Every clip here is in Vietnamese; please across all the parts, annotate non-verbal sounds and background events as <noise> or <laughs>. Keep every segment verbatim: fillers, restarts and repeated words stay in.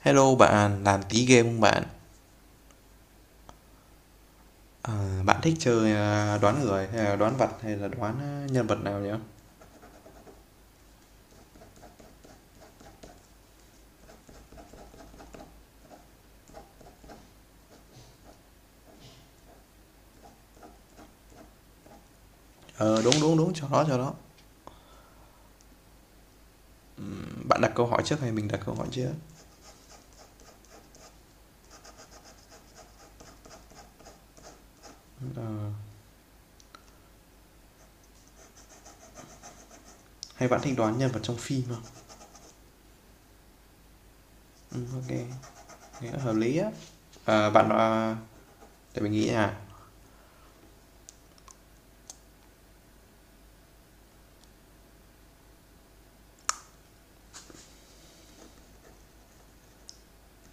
Hello bạn, làm tí game không bạn? Ờ, bạn thích chơi à, đoán người hay là đoán vật hay là đoán à, nhân vật nào nhỉ? Ờ đúng đúng đúng, cho đó cho đó. Ừm, Bạn đặt câu hỏi trước hay mình đặt câu hỏi trước? Hay bạn thích đoán nhân vật trong phim không? Ừ, ok, nghe hợp lý á. Ờ, bạn à, để mình nghĩ à.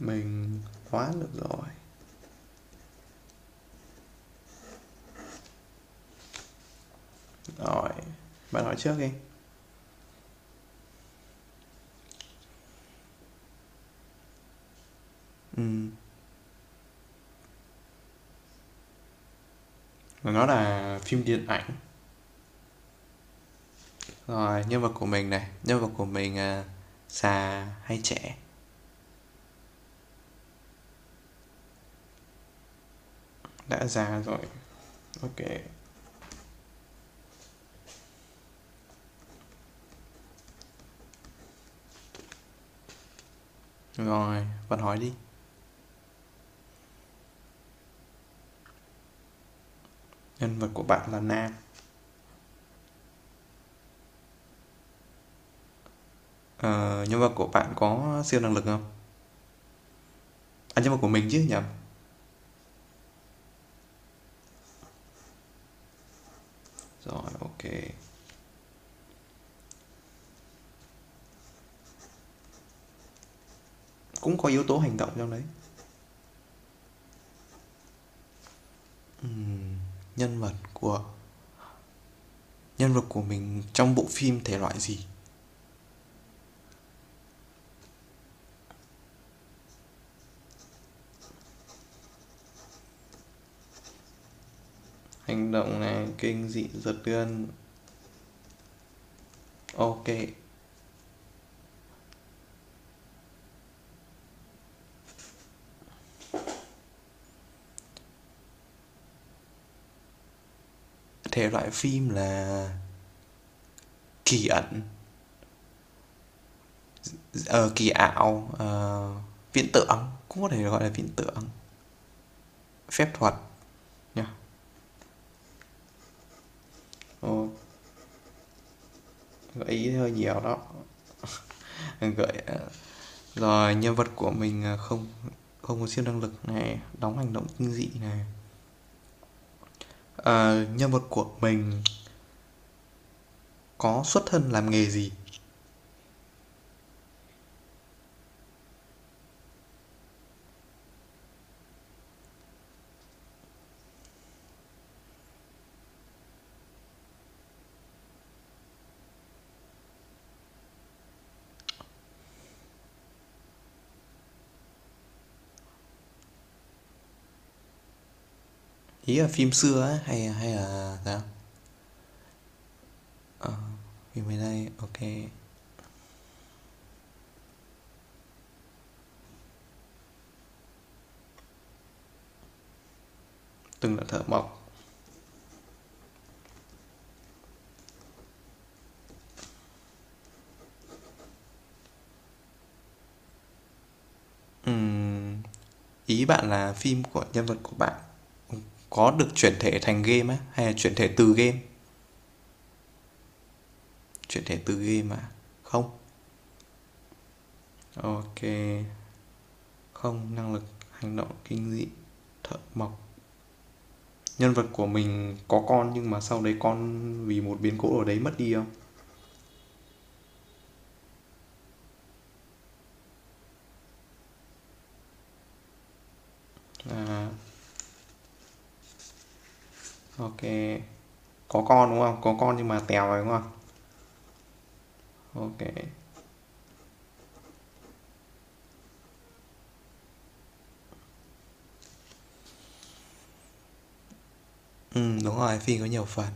Mình đoán được rồi. Rồi, bạn hỏi trước đi. Ừm, nó là phim điện ảnh. Rồi, nhân vật của mình này, nhân vật của mình à, già hay trẻ? Đã già rồi. Ok. Rồi, bạn hỏi đi. Nhân vật của bạn là nam. Ờ, nhân vật của bạn có siêu năng lực không? À, nhân vật của mình chứ nhầm. Rồi, ok. Cũng có yếu tố hành động trong đấy. Ừm, nhân vật của nhân vật của mình trong bộ phim thể loại gì? Hành động này, kinh dị, giật gân. Ok. Thể loại phim là kỳ ẩn, ờ, kỳ ảo, ờ, viễn tưởng. Cũng có thể gọi là viễn tưởng, phép thuật nha. Ồ, gợi ý hơi nhiều đó. Gợi rồi nhân vật của mình à, không không có siêu năng lực này, đóng hành động kinh dị này. Ờ, nhân vật của mình có xuất thân làm nghề gì? Ý là phim xưa á hay hay là sao? Ờ, phim mới đây, ok. Từng là thợ mộc. Ừ, ý bạn là phim của nhân vật của bạn có được chuyển thể thành game á hay là chuyển thể từ game? Chuyển thể từ game à? Không, ok. Không năng lực, hành động kinh dị, thợ mộc. Nhân vật của mình có con nhưng mà sau đấy con vì một biến cố ở đấy mất đi không? À, ok. Có con đúng không? Có con nhưng mà tèo rồi đúng không? Ok. Ừ, đúng rồi, phim có nhiều phần.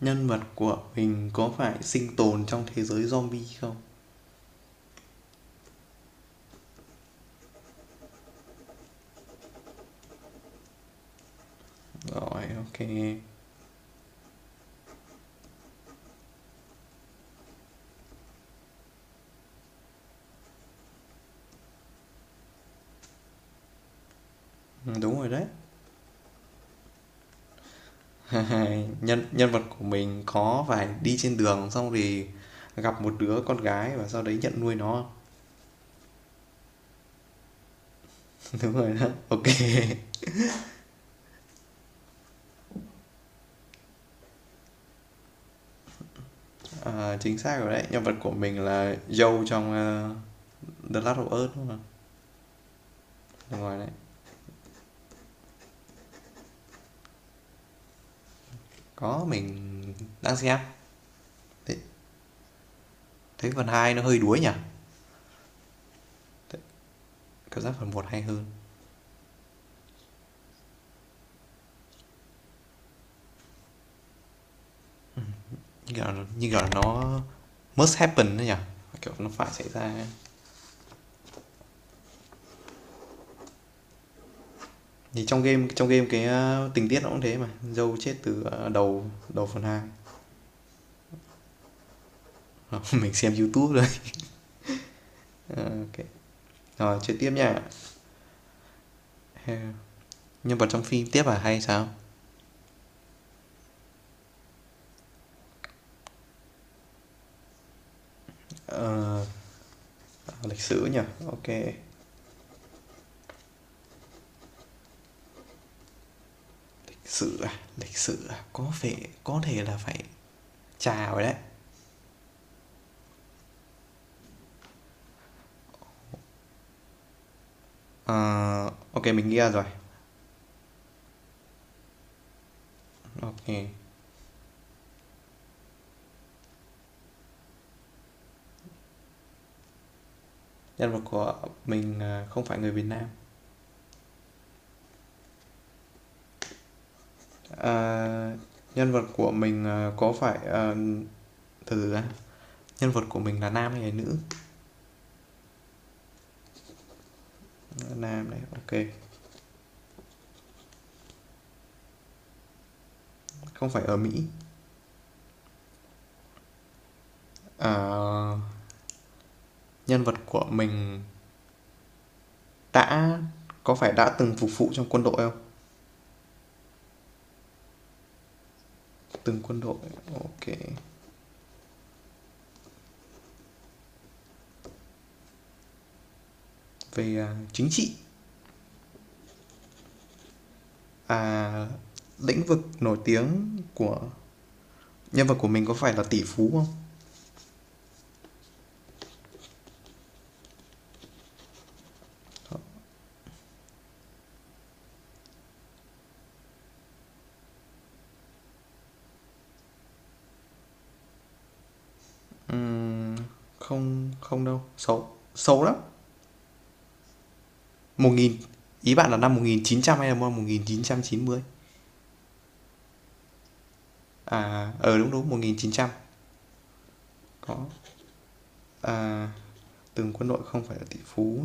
Nhân vật của mình có phải sinh tồn trong thế giới zombie không? Rồi, ok. Ừ, đúng rồi đấy. <laughs> nhân nhân vật của mình có phải đi trên đường xong thì gặp một đứa con gái và sau đấy nhận nuôi nó? <laughs> đúng rồi đó, ok. <laughs> À, chính xác rồi đấy, nhân vật của mình là Joe trong ờ, The Last of Us đúng không? Đúng rồi đấy. Có, mình đang xem. Thế, thế phần hai nó hơi đuối nhỉ? Thế- Cảm giác phần một hay hơn. Như kiểu là, như kiểu là nó must happen đấy nhỉ? Kiểu nó phải xảy ra. Thì trong game trong game cái ờ, tình tiết nó cũng thế mà. Dâu chết từ ờ, đầu đầu phần hai. <laughs> mình xem YouTube rồi. <laughs> Ok. Rồi chơi tiếp nha. Ờ, Nhân vật trong phim tiếp à hay sao? Ờ, lịch sử nhỉ? Ok. Lịch sử à? Lịch sử à? Có phải có thể là phải trà rồi đấy. Ờ, OK, mình nghĩ ra rồi. OK, nhân vật của mình, ờ, không phải người Việt Nam. Ờ, nhân vật của mình, ờ, có phải, ờ từ từ, nhân vật của mình là nam hay là nữ? Nam này, OK, không phải ở Mỹ. Ờ, nhân vật của mình đã có phải đã từng phục vụ trong quân đội không? Từng quân đội, OK. Về, à, chính trị, à, lĩnh vực nổi tiếng của nhân vật của mình có phải là tỷ phú không? Không, không đâu, xấu, xấu lắm. Một nghìn. Ý bạn là năm một nghìn chín trăm hay là năm mươi? À, ờ đúng đúng, một nghìn chín trăm. Có, à từng quân đội, không phải là tỷ phú.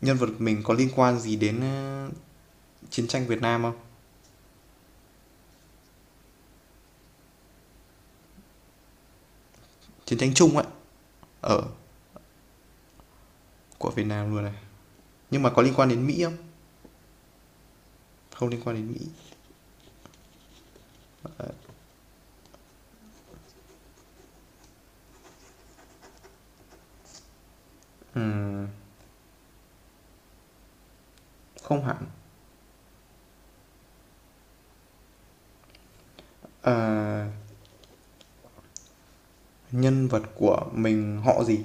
Nhân vật mình có liên quan gì đến ờ, chiến tranh Việt Nam không? Chiến tranh chung ấy, ở của Việt Nam luôn này. Nhưng mà có liên quan đến Mỹ không? Không liên quan đến Mỹ. Không hẳn. À, nhân vật của mình họ gì?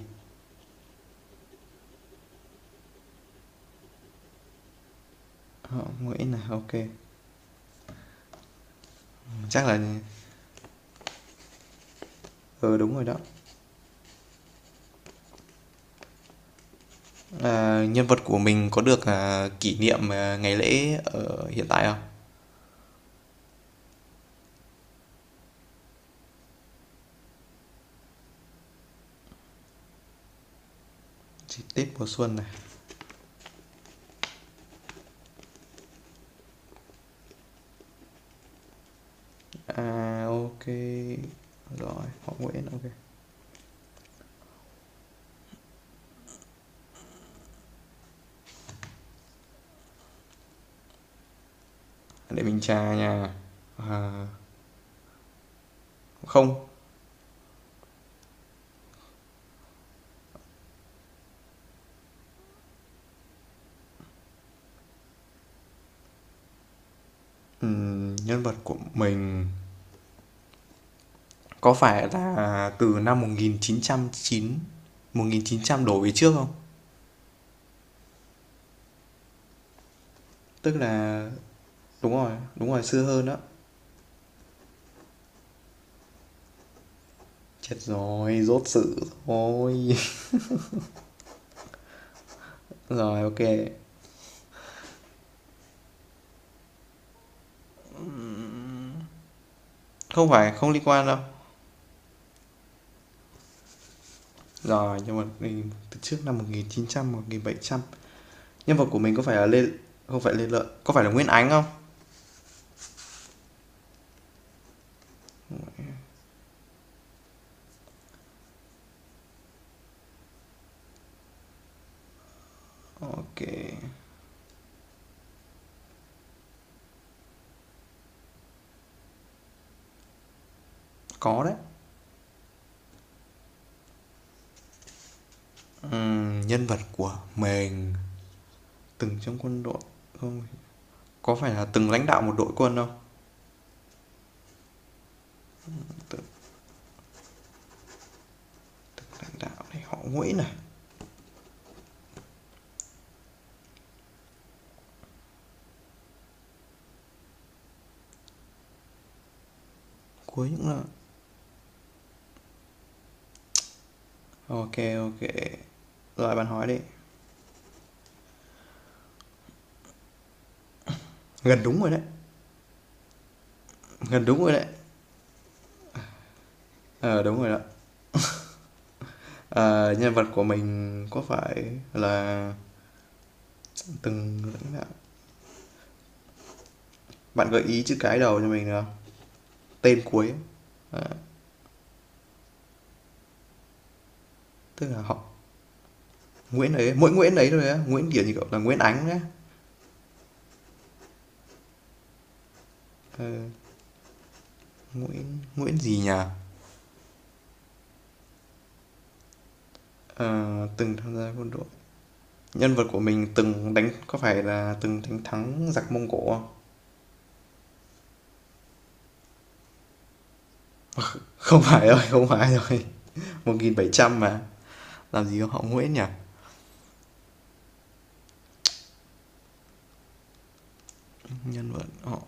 Họ Nguyễn này, ok. Chắc là ờ ừ, đúng rồi đó. Ờ, nhân vật của mình có được à, kỷ niệm à, ngày lễ ở hiện tại không? Dịp Tết mùa xuân này. À, ok. Rồi, họ Nguyễn, ok. Để mình tra nha. À, không. Ừm, nhân vật của mình có phải là từ năm một một nghìn nghìn chín trăm chín trăm chín trăm đổ về trước không? Tức là đúng rồi, đúng rồi xưa hơn đó. Chết rồi, rốt sự rồi. <laughs> Rồi, ok. Không phải, không liên quan đâu. Rồi, nhưng mà mình từ trước năm một một nghìn nghìn chín trăm một nghìn bảy trăm. Nhân vật của mình có phải là Lê, không phải Lê Lợi, có phải là Nguyễn Ánh không? OK, có đấy. Ừm, nhân vật của mình từng trong quân đội không? Có phải là từng lãnh đạo một đội quân không? Từng, từng lãnh đạo này, họ Nguyễn này, cuối những là OK, OK. Rồi bạn hỏi đi. Gần đúng rồi đấy, gần đúng rồi đấy. Ờ à, đúng rồi đó. Ờ, nhân vật của mình có phải là từng lãnh đạo. Bạn gợi ý chữ cái đầu cho mình được không? Tên cuối, tức là họ Nguyễn ấy, mỗi Nguyễn ấy thôi á, Nguyễn kiểu như cậu là Nguyễn Ánh đấy. Ờ, Nguyễn Nguyễn gì nhỉ? Ờ, từng tham gia quân đội. Nhân vật của mình từng đánh có phải là từng đánh thắng giặc Mông Cổ không? Không phải rồi, không phải rồi. Một nghìn bảy trăm mà. Làm gì có họ Nguyễn nhỉ? Nhân vật họ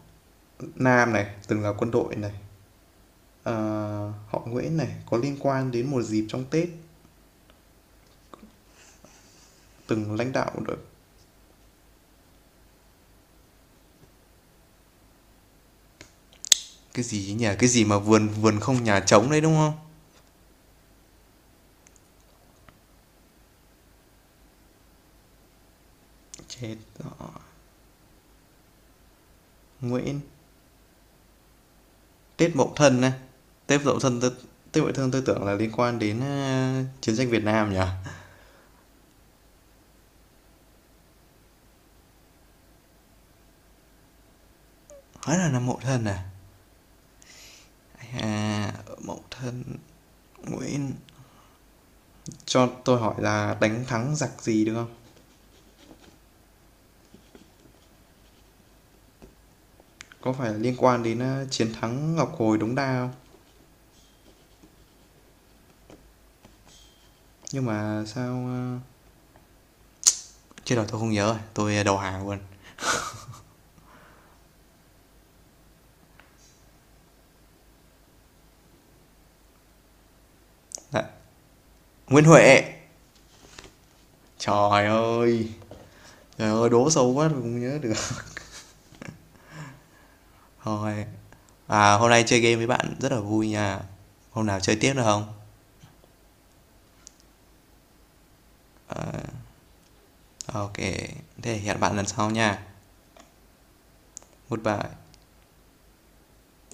Nam này, từng là quân đội này. Ờ, họ Nguyễn này có liên quan đến một dịp trong Tết, từng lãnh đạo đội. Cái gì nhỉ? Cái gì mà vườn vườn không nhà trống đấy đúng không? Chết họ Nguyễn. Tiết Mậu Thân này, Tiết Mậu Thân tôi. Tiết Mậu Thân tôi tưởng là liên quan đến a, chiến tranh Việt Nam nhỉ? Hóa là là Mậu Thân à? À, Mậu Thân Nguyễn, cho tôi hỏi là đánh thắng giặc gì được không? Có phải liên quan đến a, chiến thắng Ngọc Hồi Đống Đa không? Nhưng mà sao a, chết rồi tôi không nhớ rồi, tôi ờ, đầu hàng luôn. Dạ. Nguyễn Huệ. Trời ơi. Trời ơi đố sâu quá tôi không nhớ được. Thôi, à hôm nay chơi game với bạn rất là vui nha. Hôm nào chơi tiếp được không? Ok, thế hẹn bạn lần sau nha. Goodbye.